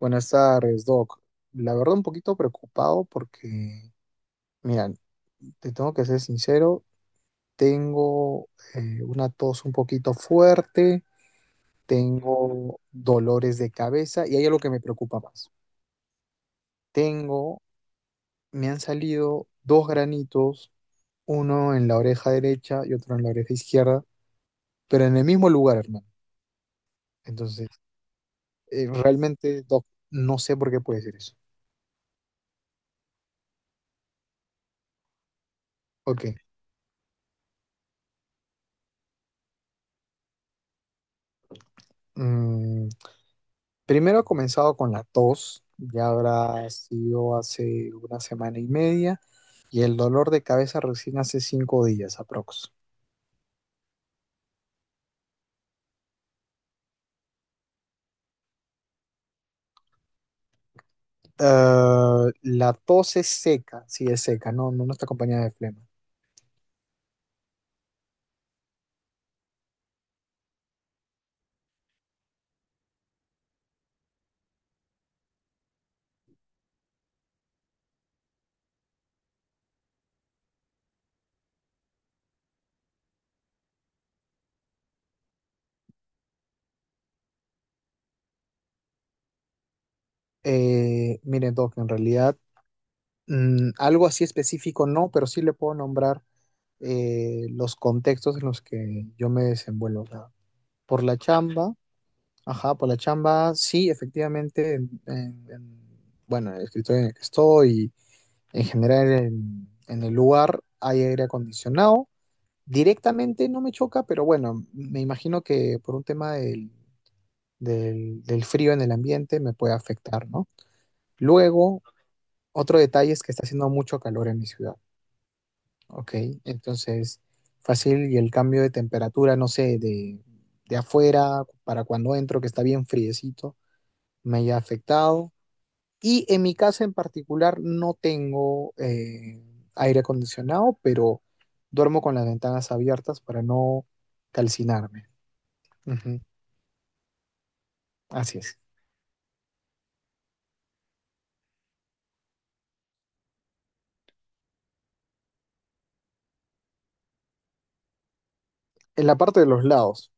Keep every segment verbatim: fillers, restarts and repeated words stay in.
Buenas tardes, Doc. La verdad, un poquito preocupado porque, mira, te tengo que ser sincero, tengo eh, una tos un poquito fuerte, tengo dolores de cabeza y hay algo que me preocupa más. Tengo, Me han salido dos granitos, uno en la oreja derecha y otro en la oreja izquierda, pero en el mismo lugar, hermano. Entonces, eh, realmente, Doc, no sé por qué puede ser eso. Ok. Mm, Primero ha comenzado con la tos, ya habrá sido hace una semana y media, y el dolor de cabeza recién hace cinco días aprox. Ah, la tos es seca, sí es seca, no, no, no está acompañada de flema. Eh, mire, Doc, en realidad mm, algo así específico no, pero sí le puedo nombrar eh, los contextos en los que yo me desenvuelvo. O sea, por la chamba. Ajá, por la chamba, sí, efectivamente, en, en- en- bueno, en el escritorio en el que estoy, en general en, en el lugar hay aire acondicionado. Directamente no me choca, pero bueno, me imagino que por un tema del, del, del frío en el ambiente me puede afectar, ¿no? Luego, otro detalle es que está haciendo mucho calor en mi ciudad, ¿ok? Entonces, fácil y el cambio de temperatura, no sé, de, de afuera para cuando entro, que está bien friecito, me haya afectado. Y en mi casa en particular no tengo eh, aire acondicionado, pero duermo con las ventanas abiertas para no calcinarme. Ujú. Así es. En la parte de los lados.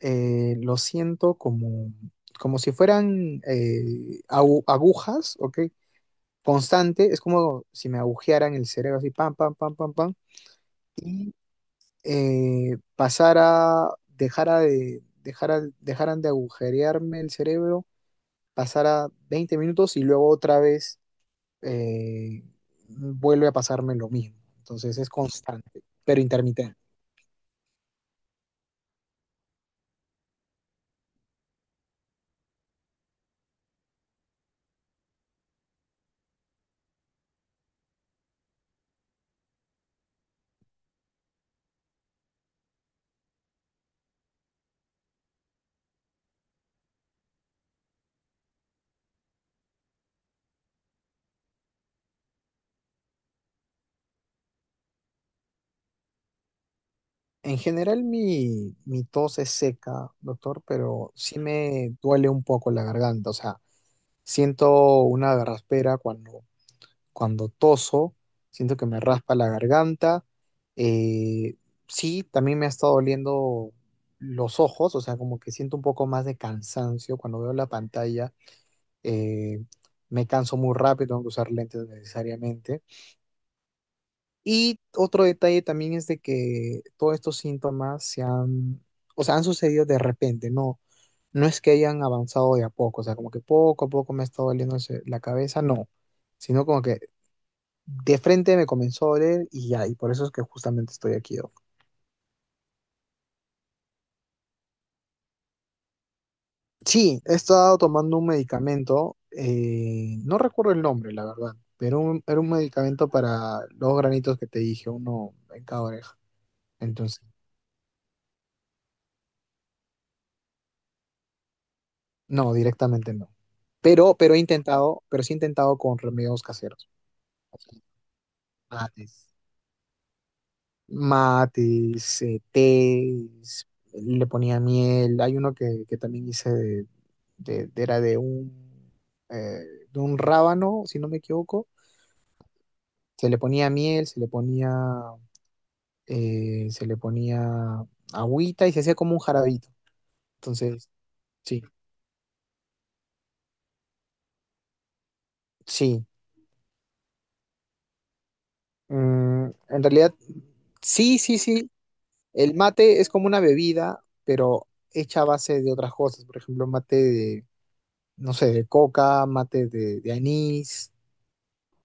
eh, Lo siento como, como si fueran eh, agu- agujas, ¿ok? Constante, es como si me agujearan el cerebro así, pam, pam, pam, pam, pam, y eh, pasara, dejara de, dejara, dejaran de agujerearme el cerebro, pasara veinte minutos y luego otra vez eh, vuelve a pasarme lo mismo. Entonces es constante, pero intermitente. En general mi, mi tos es seca, doctor, pero sí me duele un poco la garganta. O sea, siento una garraspera cuando, cuando toso, siento que me raspa la garganta. Eh, sí, también me ha estado doliendo los ojos. O sea, como que siento un poco más de cansancio cuando veo la pantalla, eh, me canso muy rápido, tengo que usar lentes necesariamente. Y otro detalle también es de que todos estos síntomas se han, o sea, han sucedido de repente, no, no es que hayan avanzado de a poco. O sea, como que poco a poco me ha estado doliendo ese- la cabeza, no, sino como que de frente me comenzó a doler y ya, y por eso es que justamente estoy aquí. Sí, he estado tomando un medicamento, eh, no recuerdo el nombre, la verdad, pero un- era un medicamento para los granitos que te dije, uno en cada oreja. Entonces, no, directamente no. Pero, pero he intentado, pero sí he intentado con remedios caseros. Así. Mates. Mates, eh, tés, le ponía miel. Hay uno que, que también hice de, de- de- era de un, eh, de un rábano, si no me equivoco. Se le ponía miel, se le ponía eh, se le ponía agüita y se hacía como un jarabito. Entonces, sí, sí. Mm, en realidad, sí, sí, sí. El mate es como una bebida, pero hecha a base de otras cosas. Por ejemplo, mate de, no sé, de coca, mate de, de anís,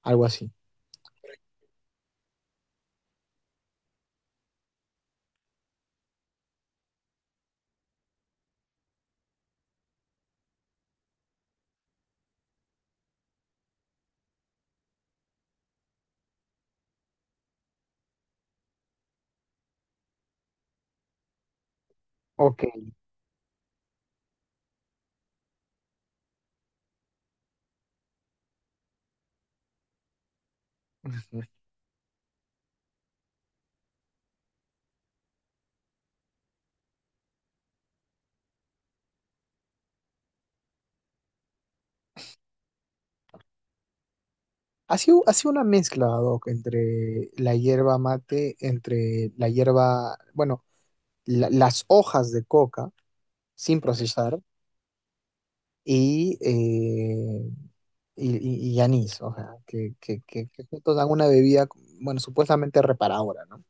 algo así. Ok. Ujú. Ha sido, ha sido una mezcla, Doc, entre la hierba mate, entre la hierba, bueno, la- las hojas de coca, sin procesar, y eh, y, y- y anís. O sea, que, que, que, que juntos dan una bebida, bueno, supuestamente reparadora, ¿no?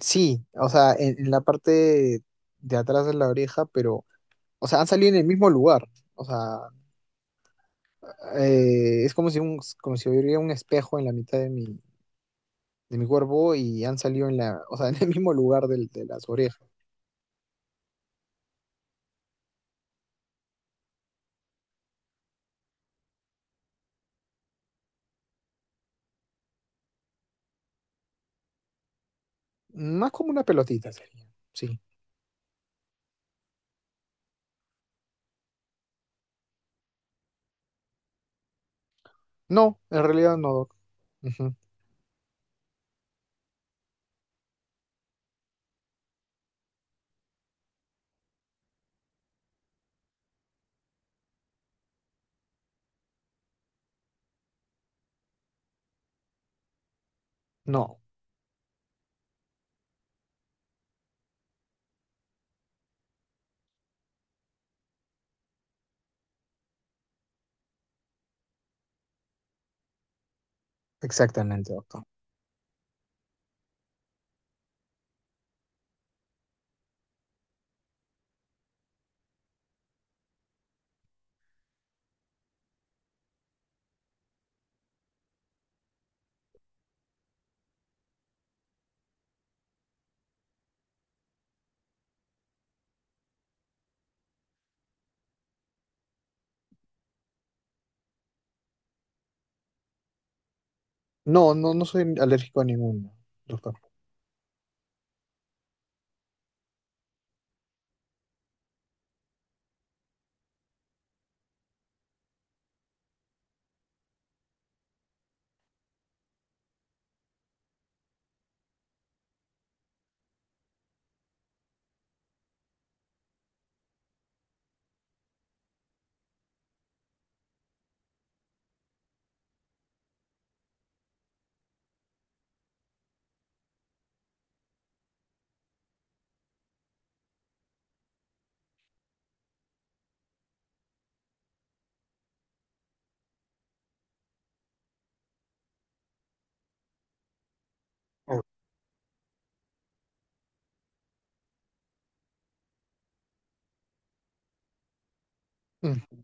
Sí, o sea, en, en la parte de atrás de la oreja, pero, o sea, han salido en el mismo lugar. O sea, eh, es como si un, como si hubiera un espejo en la mitad de mi, de mi cuerpo y han salido en la, o sea, en el mismo lugar del- de, las orejas. Más como una pelotita sería, sí. No, en realidad no, doc. Ujú. No, exactamente, doctor. No, no, no soy alérgico a ninguno, doctor. Oh.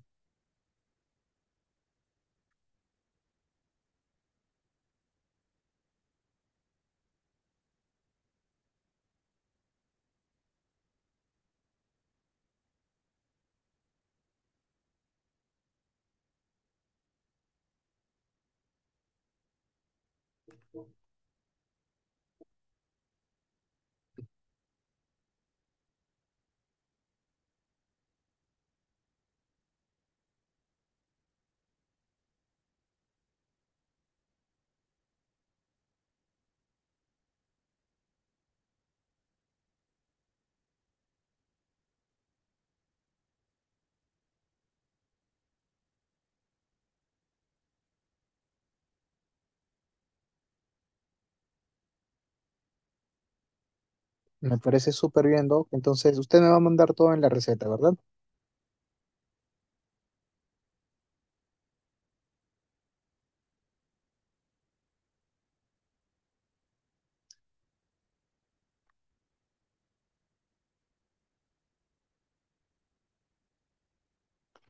Me parece súper bien, Doc. Entonces, usted me va a mandar todo en la receta, ¿verdad?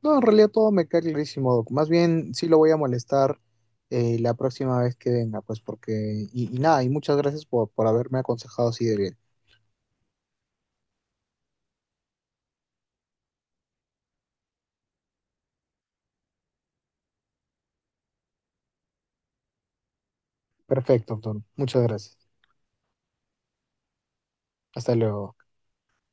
No, en realidad todo me queda clarísimo, Doc. Más bien, sí lo voy a molestar eh, la próxima vez que venga, pues porque... Y, y nada, y muchas gracias por, por haberme aconsejado así de bien. Perfecto, Doc. Muchas gracias. Hasta luego.